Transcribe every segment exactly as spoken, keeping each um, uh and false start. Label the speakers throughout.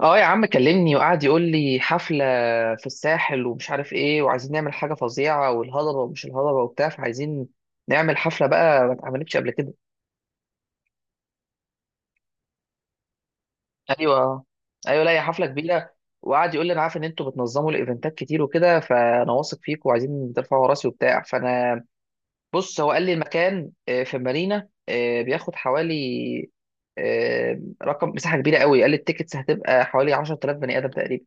Speaker 1: اه يا عم كلمني، وقعد يقول لي حفلة في الساحل ومش عارف ايه، وعايزين نعمل حاجة فظيعة، والهضبة ومش الهضبة وبتاع، فعايزين نعمل حفلة بقى ما اتعملتش قبل كده. ايوه، ايوه، لا هي حفلة كبيرة. وقعد يقول لي انا عارف ان انتوا بتنظموا الايفنتات كتير وكده، فانا واثق فيكم وعايزين ترفعوا راسي وبتاع، فانا بص هو قال لي المكان آه، في مارينا، آه، بياخد حوالي آه، رقم مساحة كبيرة قوي. قال لي التيكتس هتبقى حوالي عشرة آلاف بني آدم تقريبا.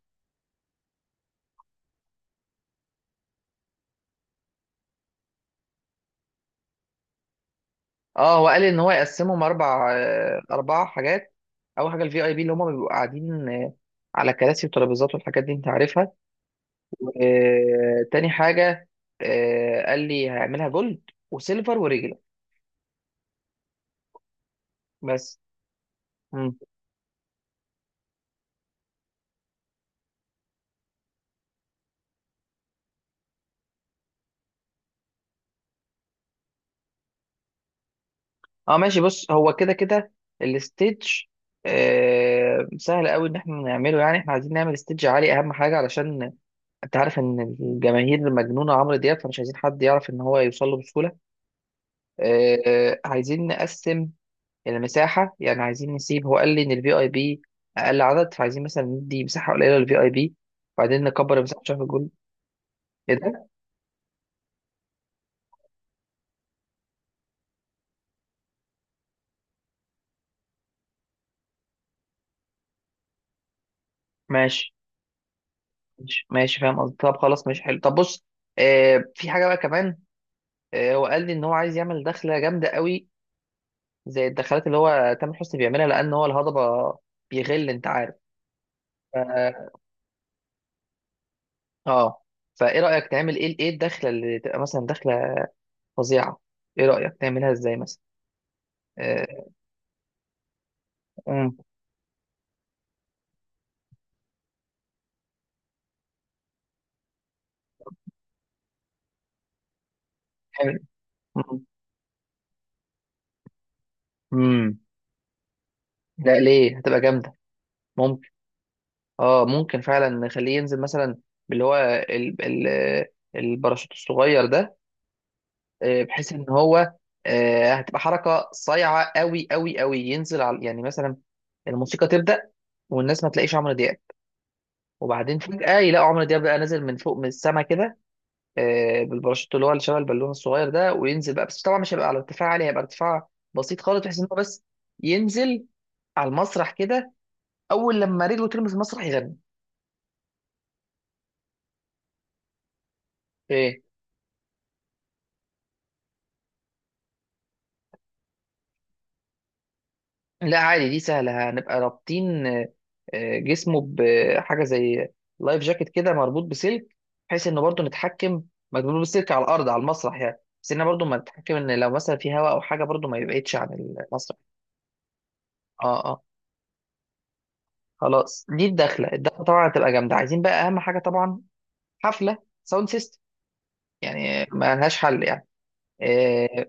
Speaker 1: اه هو قال ان هو يقسمهم اربع آه، اربع حاجات. اول حاجه الفي اي بي، اللي هم بيبقوا قاعدين آه، على كراسي وترابيزات والحاجات دي انت عارفها. آه، تاني حاجه آه، قال لي هعملها جولد وسيلفر وريجلر. بس. مم. اه ماشي، بص هو كده كده الستيج آه، سهل قوي ان احنا نعمله، يعني احنا عايزين نعمل ستيج عالي، اهم حاجه علشان انت عارف ان الجماهير مجنونه عمرو دياب، فمش عايزين حد يعرف ان هو يوصل له بسهوله. آه، آه، عايزين نقسم المساحة، يعني عايزين نسيب، هو قال لي إن الفي أي بي أقل عدد، فعايزين مثلا ندي مساحة قليلة للفي أي بي وبعدين نكبر مساحة شهر الجول. إيه ده؟ ماشي ماشي ماشي فاهم قصدي، طب خلاص ماشي حلو، طب بص آه في حاجة بقى كمان. آه هو قال لي إن هو عايز يعمل دخلة جامدة قوي زي الدخلات اللي هو تامر حسني بيعملها، لأن هو الهضبة بيغل، أنت عارف. ف- اه فإيه رأيك تعمل إيه، إيه الدخلة اللي تبقى مثلا دخلة فظيعة؟ إيه رأيك تعملها إزاي مثلا؟ آه. مم. حلو. مم. لا ليه، هتبقى جامده. ممكن. اه ممكن فعلا نخليه ينزل مثلا باللي هو ال... ال... الباراشوت الصغير ده، آه، بحيث ان هو آه، هتبقى حركه صايعه قوي قوي قوي، ينزل على يعني مثلا الموسيقى تبدا، والناس ما تلاقيش عمرو دياب، وبعدين فجاه يلاقوا عمرو دياب بقى نازل من فوق من السما كده، آه، بالباراشوت اللي هو اللي شبه البالون الصغير ده، وينزل بقى، بس طبعا مش هيبقى على ارتفاع عالي، هيبقى ارتفاع بسيط خالص بحيث ان هو بس ينزل على المسرح كده، اول لما رجله تلمس المسرح يغني. ايه. لا عادي دي سهله، هنبقى رابطين آه، آه، جسمه بحاجه زي لايف جاكيت كده مربوط بسلك بحيث انه برضه نتحكم، مربوط بالسلك على الارض على المسرح يعني، بس انه برضه ما نتحكم ان لو مثلا في هواء او حاجه، برضه ما يبعدش عن المسرح. اه، اه، خلاص دي الدخله الدخله طبعا هتبقى جامده، عايزين بقى اهم حاجه طبعا حفله ساوند سيستم، يعني ما لهاش حل يعني. آه.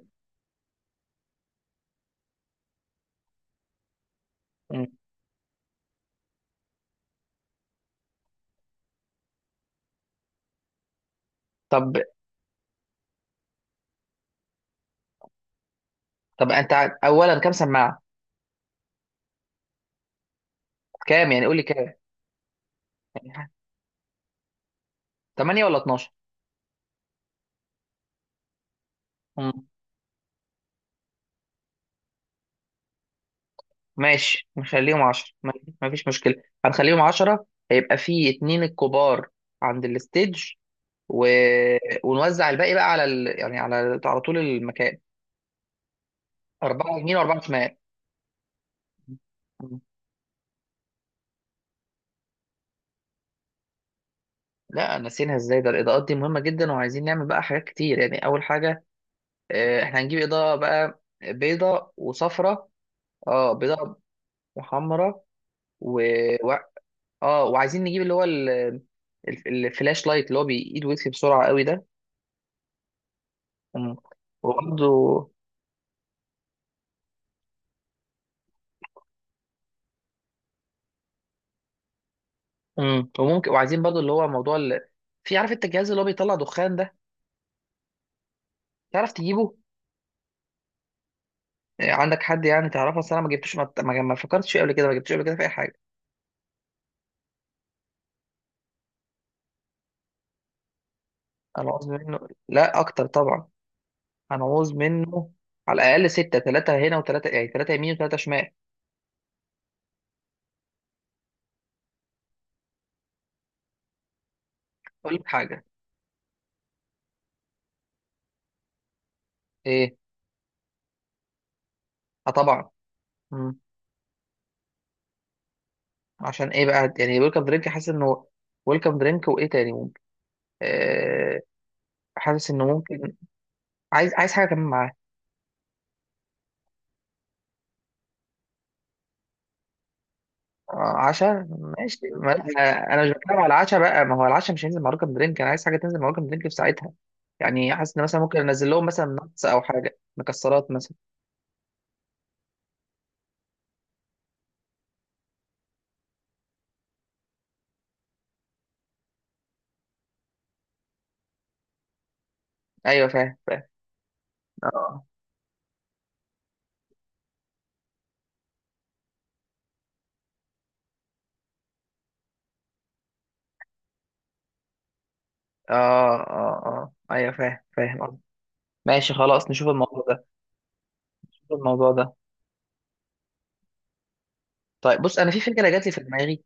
Speaker 1: م. طب طب انت ع- اولا كام سماعه؟ كام يعني؟ قول لي كام، يعني تمانية ولا اتناشر؟ ماشي نخليهم عشرة، ما ما فيش مشكلة، هنخليهم عشرة، هيبقى في اتنين الكبار عند الستيج و... ونوزع الباقي بقى على ال... يعني على على طول المكان، أربعة يمين وأربعة شمال. لا نسيناها ازاي، ده الإضاءات دي مهمة جدا، وعايزين نعمل بقى حاجات كتير، يعني أول حاجة آه، احنا هنجيب إضاءة بقى بيضة وصفرة. اه بيضة وحمرة و... و... اه وعايزين نجيب اللي هو ال... الف- الفلاش لايت اللي هو بيقيد ويطفي بسرعة قوي ده. مم. وبرضه. مم. وممكن وعايزين برضه اللي هو موضوع ال... في عارف انت الجهاز اللي هو بيطلع دخان ده، تعرف تجيبه؟ آه، عندك حد يعني تعرفه، اصل انا ما جبتوش، ما ما ما فكرتش فيه قبل كده، ما جبتوش قبل كده في اي حاجه. انا عاوز منه لا اكتر طبعا، انا عاوز منه على الاقل سته، ثلاثه هنا وثلاثه، يعني ثلاثه يمين وثلاثه شمال. اقول لك حاجه. ايه؟ اه طبعا. مم. عشان ايه بقى؟ يعني ويلكم درينك، حاسس انه ويلكم درينك وايه تاني ممكن آه، حاسس انه ممكن، عايز عايز حاجه كمان معاها. عشاء ماشي ما انا أنا مش بتكلم على العشاء بقى، ما هو العشاء مش هينزل مع رقم درينك، انا عايز حاجه تنزل مع رقم درينك في ساعتها. يعني حاسس ان مثلا ممكن انزل لهم مثلا نتس او حاجه مكسرات مثلا. ايوه فاهم فاهم. اه، اه، اه، اه، ايوه فاهم فاهم قصدي. ماشي خلاص نشوف الموضوع ده، نشوف الموضوع ده. طيب بص انا في فكره جات لي في دماغي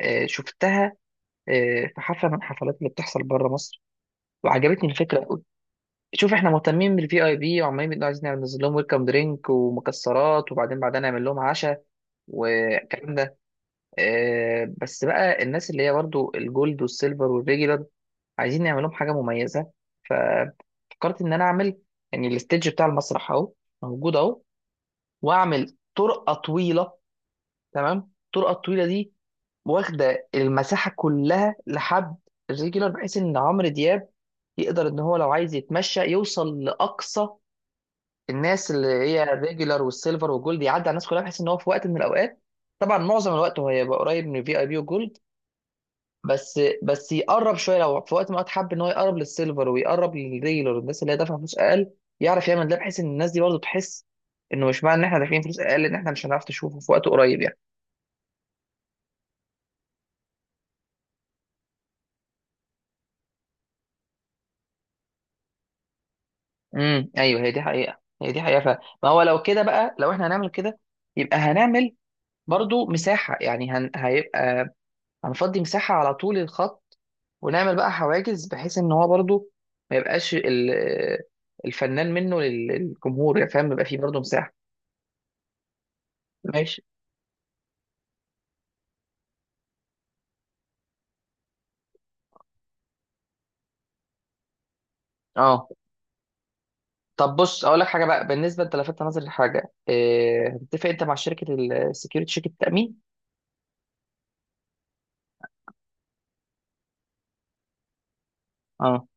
Speaker 1: آه، شفتها، آه، في حفله من الحفلات اللي بتحصل بره مصر، وعجبتني الفكره قوي. شوف احنا مهتمين بالفي اي بي، وعمالين بنقول عايزين نعمل- ننزل لهم ويلكم درينك ومكسرات، وبعدين بعدين نعمل لهم عشاء والكلام ده. آه، بس بقى الناس اللي هي برضو الجولد والسيلفر والريجولار عايزين نعمل لهم حاجه مميزه، ففكرت ان انا اعمل، يعني الستيج بتاع المسرح اهو موجود اهو، واعمل طرقه طويله. تمام. الطرقه الطويله دي واخده المساحه كلها لحد الريجولار، بحيث ان عمرو دياب يقدر ان هو لو عايز يتمشى يوصل لاقصى الناس اللي هي الريجولار والسيلفر والجولد، يعدي على الناس كلها بحيث ان هو في وقت من الاوقات، طبعا معظم الوقت هو هيبقى قريب من الفي اي بي والجولد، بس بس يقرب شويه لو في وقت من الاوقات حب ان هو يقرب للسيلفر ويقرب للريجولار والناس اللي هي دافعه فلوس اقل، يعرف يعمل ده، بحيث ان الناس دي برضه تحس انه مش معنى ان احنا دافعين فلوس اقل ان احنا مش هنعرف نشوفه في وقت قريب يعني. امم، ايوه هي دي حقيقه، هي دي حقيقه فعلا، ما هو لو كده بقى، لو احنا هنعمل كده يبقى هنعمل برضه مساحه، يعني هن... هيبقى هنفضي مساحة على طول الخط، ونعمل بقى حواجز بحيث ان هو برضو ما يبقاش ال- الفنان منه لل- للجمهور، يعني فاهم، يبقى فيه برضو مساحة. ماشي. اه. طب بص اقول لك حاجة بقى بالنسبة، انت لفتت نظري لحاجة، إيه، هتتفق انت مع شركة السكيورتي شركة التأمين؟ اه،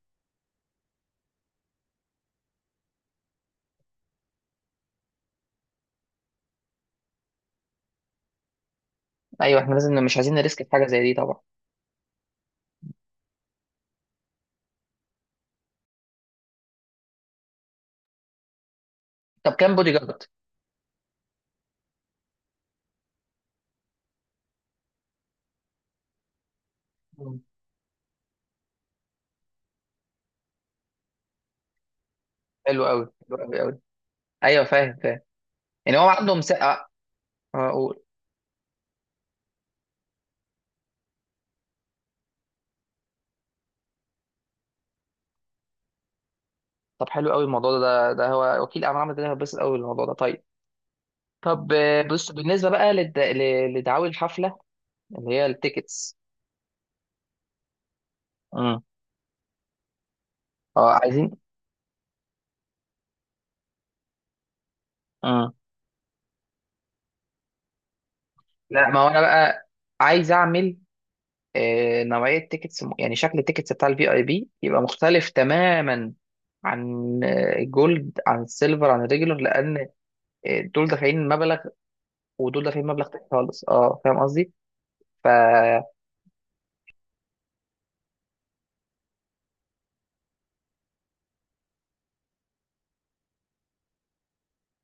Speaker 1: ايوه احنا لازم، مش عايزين نريسك في حاجة زي دي طبعا. طب كام بودي جارد؟ مم. حلو قوي، حلو قوي قوي. ايوه فاهم فاهم، يعني هو عنده مساحة. اه آه، قول. طب حلو قوي الموضوع ده، ده ده هو وكيل اعمال، عمل ده هيتبسط قوي الموضوع ده، طيب. طب آه، بص بالنسبة بقى لد... ل- لدعاوي الحفلة، اللي هي التيكتس. امم. اه عايزين. امم. لا ما هو انا بقى عايز اعمل آه، نوعية تيكتس، يعني شكل التيكتس بتاع الفي اي بي يبقى مختلف تماما عن آه، جولد، عن سيلفر، عن ريجولر، لان آه، دول دافعين مبلغ ودول دافعين مبلغ تاني خالص، اه فاهم قصدي. ف،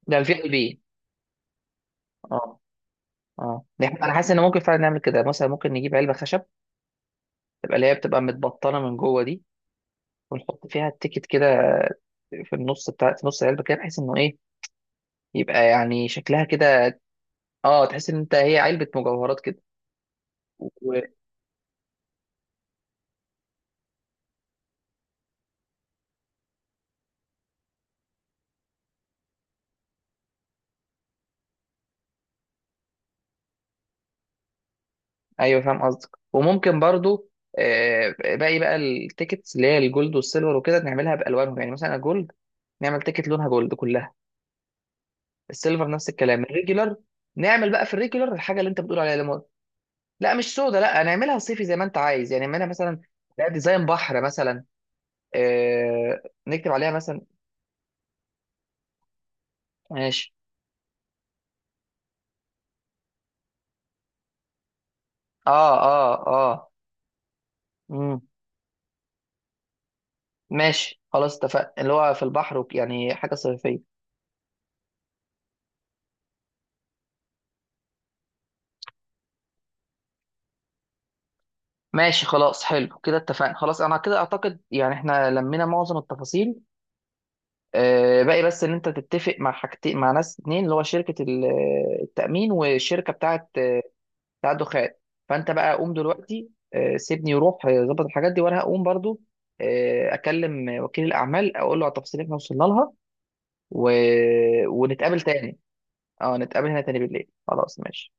Speaker 1: ده الفي اي بي. اه، اه، احنا- انا حاسس ان ممكن فعلا نعمل كده، مثلا ممكن نجيب علبة خشب تبقى اللي هي بتبقى متبطنة من جوه دي، ونحط فيها التيكت كده في النص بتاع، في نص العلبه كده، بحيث انه ايه، يبقى يعني شكلها كده، اه تحس ان انت هي علبه مجوهرات كده. و... ايوه فاهم قصدك، وممكن برضو آه، باقي بقى التيكتس اللي هي الجولد والسيلفر وكده نعملها بالوانهم، يعني مثلا الجولد نعمل تيكت لونها جولد كلها، السيلفر نفس الكلام، الريجولار، نعمل بقى في الريجولار الحاجه اللي انت بتقول عليها ليمون. لا مش سودا، لا نعملها صيفي زي ما انت عايز، يعني نعملها مثلا، لا ديزاين بحر مثلا، آه، نكتب عليها مثلا، ماشي. اه، اه، اه، امم، ماشي خلاص اتفقنا، اللي هو في البحر وك- يعني حاجة صيفية. ماشي خلاص حلو كده اتفقنا، خلاص انا كده اعتقد يعني احنا لمينا معظم التفاصيل، آه باقي بس ان انت تتفق مع حاجتين مع ناس اتنين، اللي هو شركة ال- التأمين، والشركة بتاعة آه، بتاعة الدخان. فانت بقى قوم دلوقتي، آه سيبني يروح آه، ظبط الحاجات دي، وانا هقوم برضو آه اكلم وكيل الاعمال اقول له على التفاصيل اللي احنا وصلنا لها و... ونتقابل تاني. اه نتقابل هنا تاني بالليل، خلاص ماشي.